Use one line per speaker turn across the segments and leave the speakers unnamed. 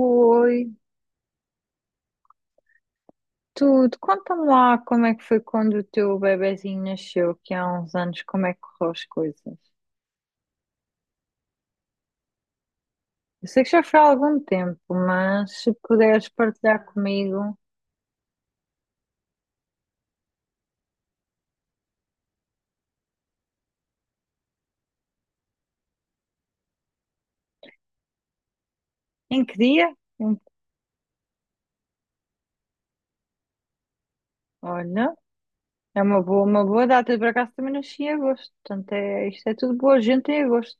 Oi, tudo. Conta-me lá como é que foi quando o teu bebezinho nasceu, que há uns anos, como é que correu as coisas? Eu sei que já foi há algum tempo, mas se puderes partilhar comigo, em que dia? Em- Olha, é uma boa data. Eu, por acaso também nasci em agosto, portanto é, isto é tudo boa gente em agosto.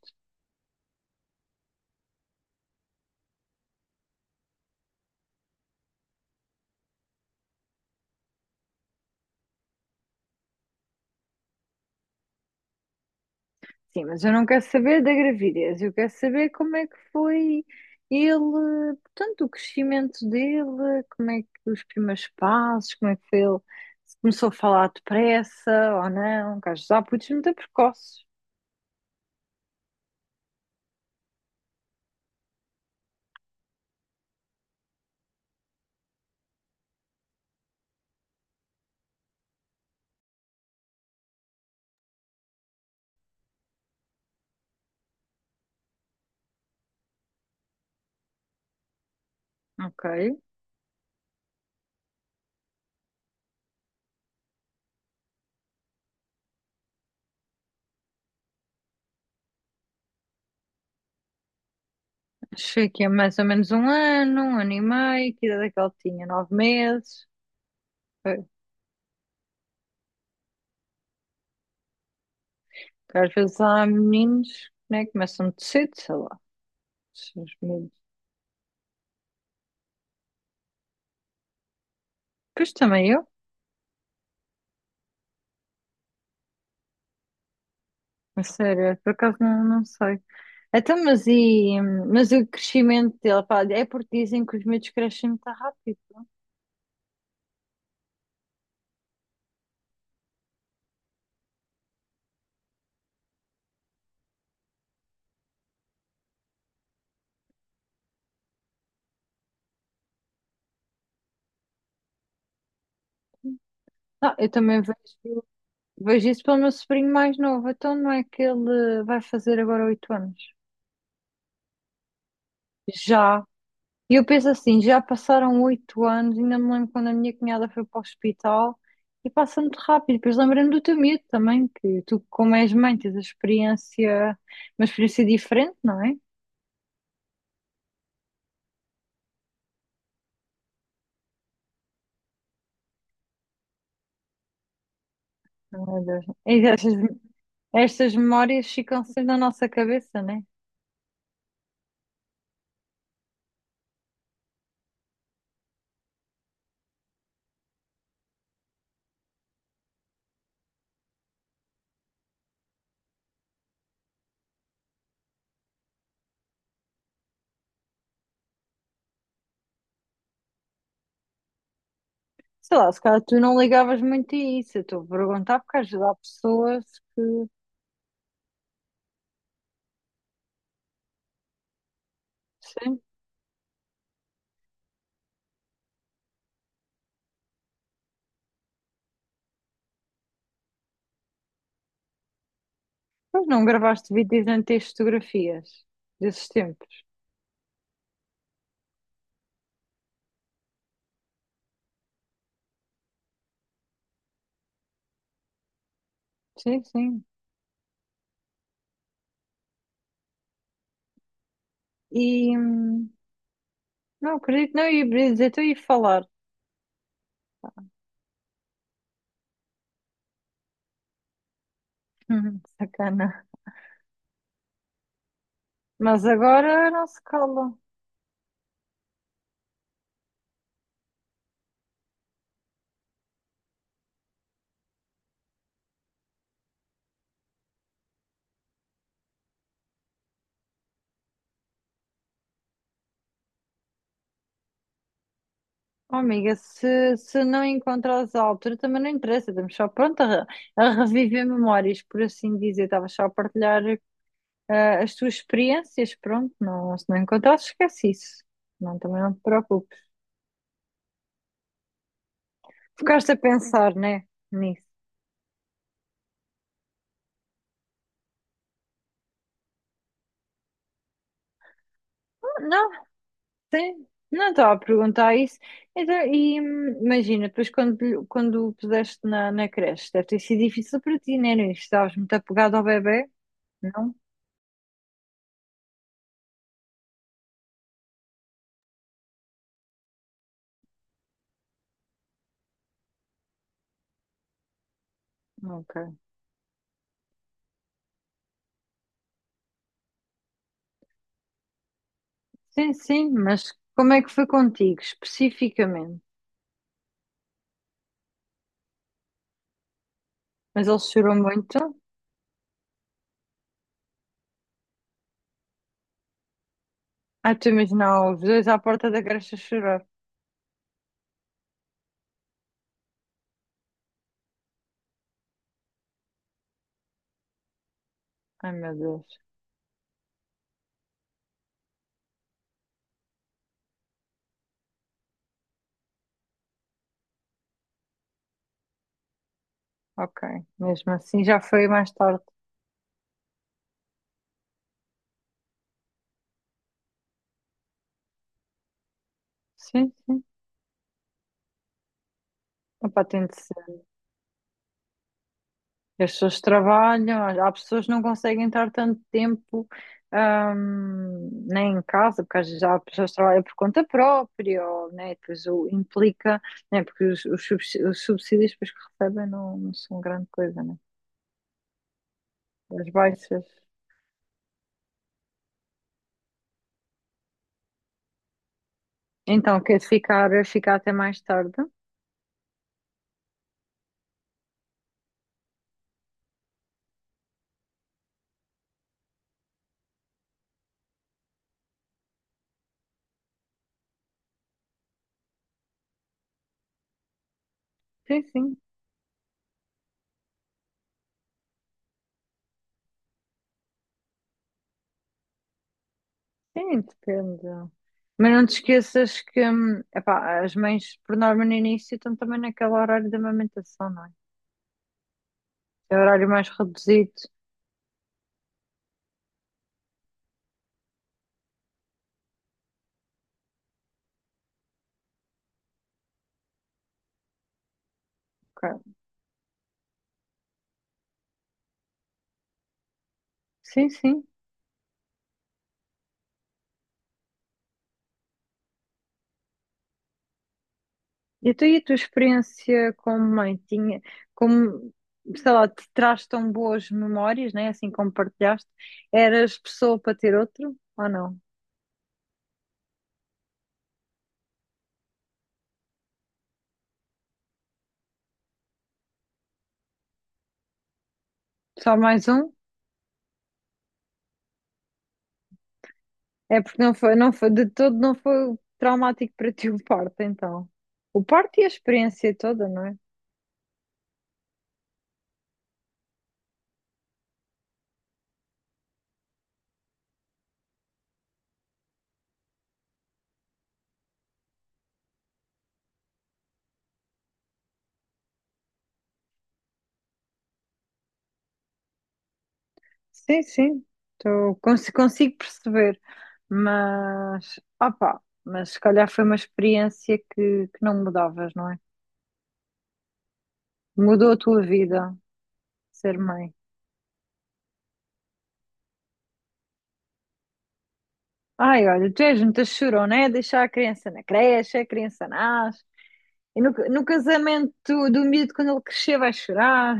Sim, mas eu não quero saber da gravidez, eu quero saber como é que foi ele, portanto, o crescimento dele, como é que os primeiros passos, como é que foi ele, se começou a falar depressa ou não, que às vezes há putos muito precoces. Ok, achei que é mais ou menos um ano e meio, que idade é que ele tinha? Nove meses. Ok, que às vezes há meninos, né, que começam de cedo, sei lá, os meninos. Pois também eu, a sério, por acaso não, não sei. Então, mas, e, mas o crescimento dele, pá, é porque dizem que os miúdos crescem muito rápido. Não, eu também vejo, vejo isso pelo meu sobrinho mais novo, então não é que ele vai fazer agora oito anos. Já. E eu penso assim, já passaram oito anos, ainda me lembro quando a minha cunhada foi para o hospital e passa muito rápido. Depois lembrando do teu miúdo também, que tu, como és mãe, tens a experiência, uma experiência diferente, não é? Não é das- é das- Estas memórias ficam sempre na nossa cabeça, né? Sei lá, se calhar tu não ligavas muito a isso. Eu estou a perguntar porque às vezes há pessoas que. Sim. Pois não gravaste vídeos nem tens fotografias desses tempos. Sim, sim. E. hum, Não, acredito, não ia dizer, estou a ir falar. Sacana. Mas agora não se cala. Oh, amiga, se não encontrares a altura, também não interessa. Estamos só pronto a, re- A reviver memórias, por assim dizer. Estava só a partilhar as tuas experiências, pronto, não, se não encontrares, esquece isso. Não, também não te preocupes. Ficaste a pensar, né, nisso. Não, sim, não estava a perguntar isso. Então, e imagina, depois quando, quando o puseste na, na creche, deve ter sido difícil para ti, né? Inês? Estavas muito apegado ao bebê? Não? Ok. Sim, sim, mas como é que foi contigo, especificamente? Mas ele chorou muito? Ah, tu imaginava os dois à porta da creche a chorar. Ai, meu Deus. Ok, mesmo assim já foi mais tarde. Sim, sim. Epá, tem de ser. As pessoas trabalham, há pessoas que não conseguem estar tanto tempo nem em casa, porque às vezes há pessoas que trabalham por conta própria, ou, né, e depois o implica, né, porque os, os subsídios depois que recebem não, não são grande coisa, né? As baixas. Então, quer ficar, ficar até mais tarde? Sim, sim. Sim, depende. Mas não te esqueças que, epá, as mães, por norma, no início estão também naquele horário da amamentação, não é? É o horário mais reduzido. Ok. Sim, sim. E tu e a tua experiência como mãe? Tinha, como, sei lá, te traz tão boas memórias, né? Assim como partilhaste. Eras pessoa para ter outro ou não? Só mais um? É porque não foi, não foi, de todo não foi traumático para ti o parto, então. O parto e a experiência toda, não é? Sim, sim, tô, consigo perceber, mas opá, mas se calhar foi uma experiência que não mudavas, não é? Mudou a tua vida ser mãe. Ai, olha, tu és muita chorona, é deixar a criança na creche, a criança nasce, e no, no casamento do miúdo, quando ele crescer, vai chorar.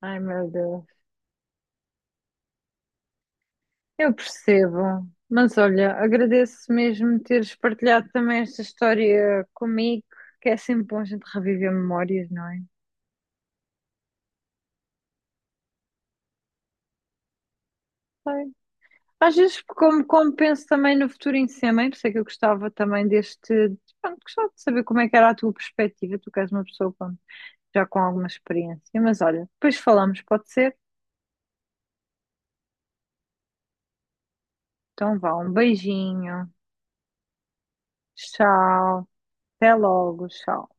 Ai, meu Deus, eu percebo, mas olha, agradeço mesmo teres partilhado também esta história comigo, que é sempre bom a gente reviver memórias, não é? Às vezes, como, como penso também no futuro em si, mãe, por isso é que eu gostava também deste. Pronto, gostava de saber como é que era a tua perspectiva. Tu que és uma pessoa com- Já com alguma experiência. Mas olha, depois falamos, pode ser? Então vá, um beijinho. Tchau. Até logo. Tchau.